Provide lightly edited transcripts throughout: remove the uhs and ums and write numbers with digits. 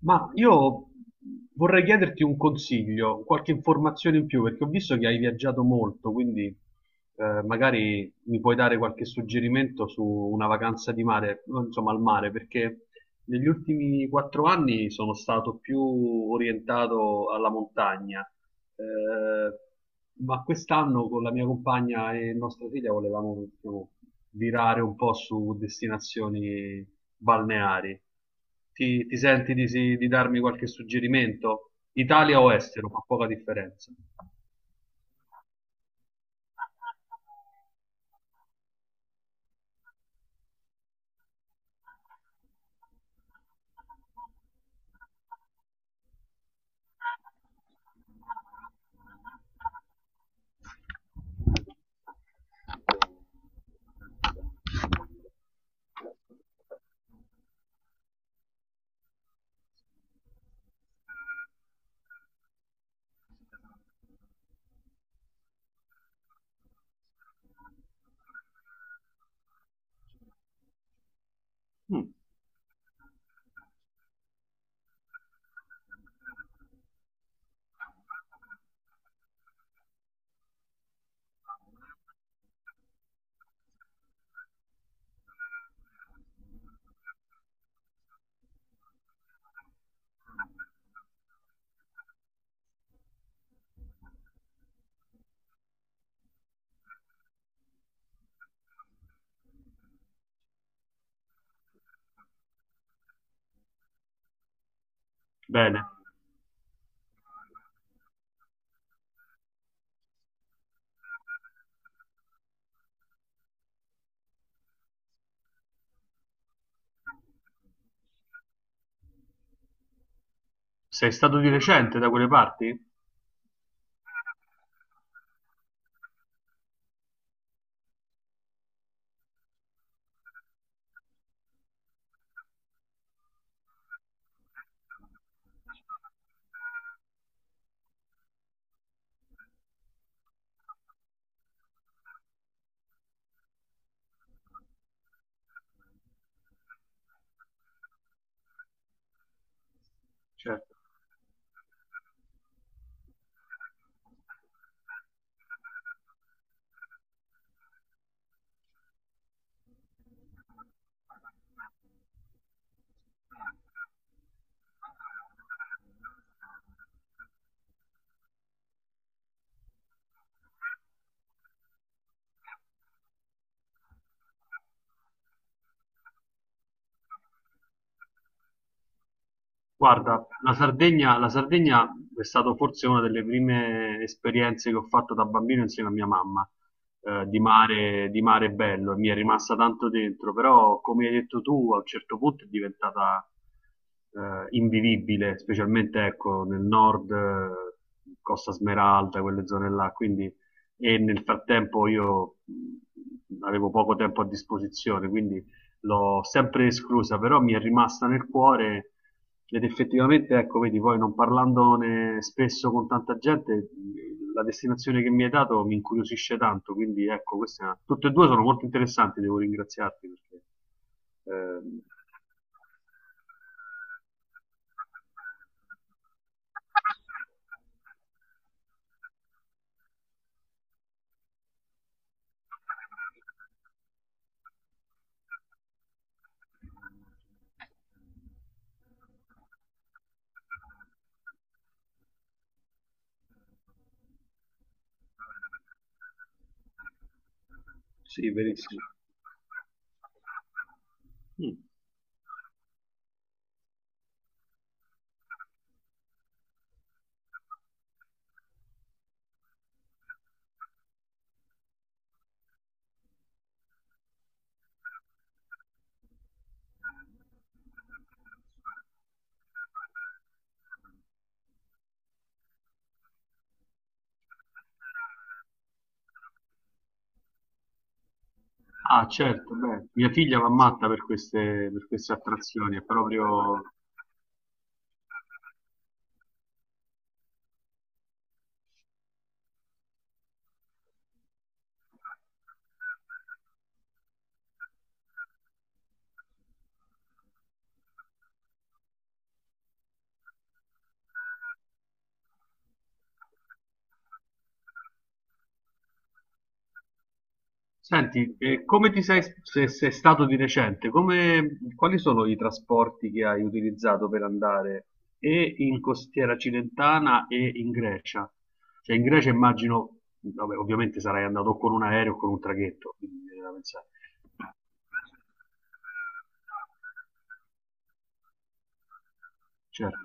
Ma io vorrei chiederti un consiglio, qualche informazione in più, perché ho visto che hai viaggiato molto, quindi magari mi puoi dare qualche suggerimento su una vacanza di mare, insomma al mare, perché negli ultimi quattro anni sono stato più orientato alla montagna eh, ma quest'anno con la mia compagna e nostra figlia volevamo, diciamo, virare un po' su destinazioni balneari. Ti senti di, di darmi qualche suggerimento? Italia o estero, fa poca differenza. Bene. Sei stato di recente da quelle parti? Certo. Guarda, la Sardegna è stata forse una delle prime esperienze che ho fatto da bambino insieme a mia mamma, di mare bello, e mi è rimasta tanto dentro, però come hai detto tu, a un certo punto è diventata invivibile, specialmente ecco, nel nord, Costa Smeralda, quelle zone là, quindi, e nel frattempo io avevo poco tempo a disposizione, quindi l'ho sempre esclusa, però mi è rimasta nel cuore ed effettivamente, ecco, vedi, poi non parlandone spesso con tanta gente, la destinazione che mi hai dato mi incuriosisce tanto, quindi ecco, queste, tutte e due sono molto interessanti, devo ringraziarti perché... ehm, Sì, verissimo. Mm. Ah, certo, beh, mia figlia va matta per queste attrazioni, è proprio... Senti, come ti sei, se sei stato di recente, come- quali sono i trasporti che hai utilizzato per andare e in costiera cilentana e in Grecia? Cioè in Grecia immagino, vabbè, ovviamente sarai andato con un aereo o con un traghetto, quindi mi viene da pensare. Certo,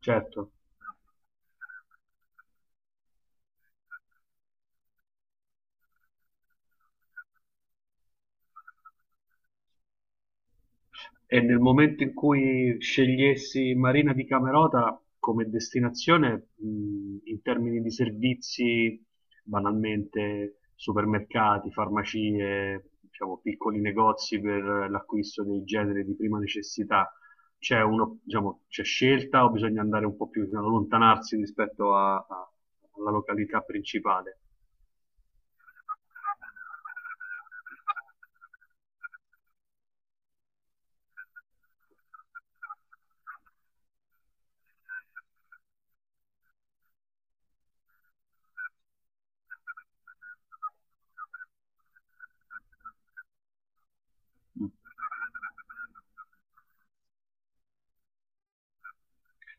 certo. E nel momento in cui scegliessi Marina di Camerota come destinazione, in termini di servizi, banalmente supermercati, farmacie, diciamo, piccoli negozi per l'acquisto dei generi di prima necessità, c'è uno, diciamo, c'è scelta o bisogna andare un po' più, diciamo, allontanarsi rispetto alla località principale?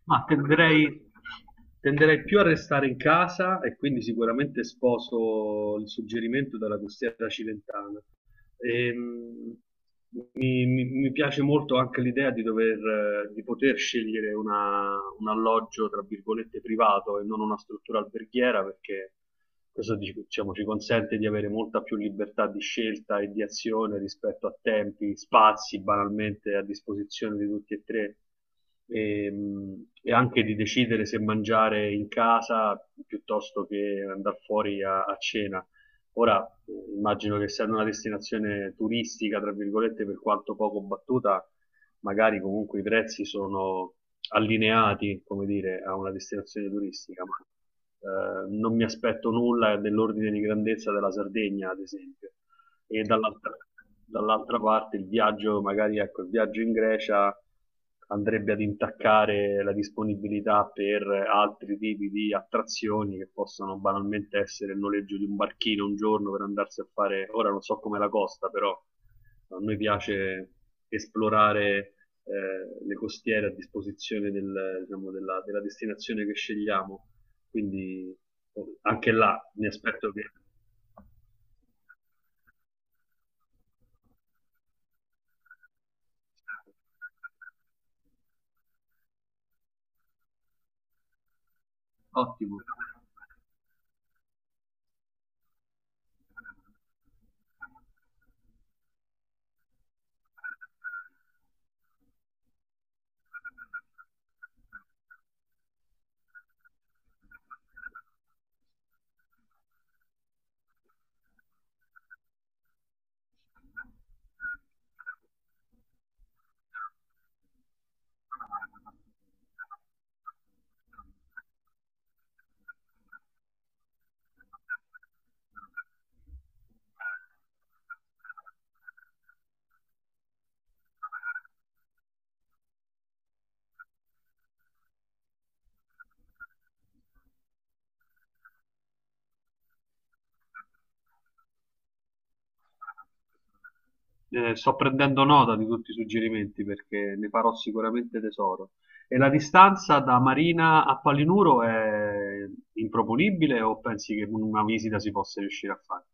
Ma tenderei, tenderei più a restare in casa e quindi sicuramente sposo il suggerimento della costiera cilentana. Ehm, mi piace molto anche l'idea di dover, di poter scegliere un alloggio, tra virgolette, privato e non una struttura alberghiera, perché questo, diciamo, ci consente di avere molta più libertà di scelta e di azione rispetto a tempi, spazi, banalmente a disposizione di tutti e tre. E anche di decidere se mangiare in casa piuttosto che andare fuori a cena. Ora immagino che essendo una destinazione turistica, tra virgolette, per quanto poco battuta, magari comunque i prezzi sono allineati, come dire, a una destinazione turistica, ma non mi aspetto nulla dell'ordine di grandezza della Sardegna, ad esempio, e dall'altra, dall'altra parte il viaggio, magari ecco, il viaggio in Grecia andrebbe ad intaccare la disponibilità per altri tipi di attrazioni che possono banalmente essere il noleggio di un barchino un giorno per andarsi a fare, ora non so com'è la costa, però a noi piace esplorare le costiere a disposizione del, diciamo, della, della destinazione che scegliamo, quindi anche là mi aspetto che... Ottimo. Sto prendendo nota di tutti i suggerimenti perché ne farò sicuramente tesoro. E la distanza da Marina a Palinuro è improponibile o pensi che una visita si possa riuscire a fare?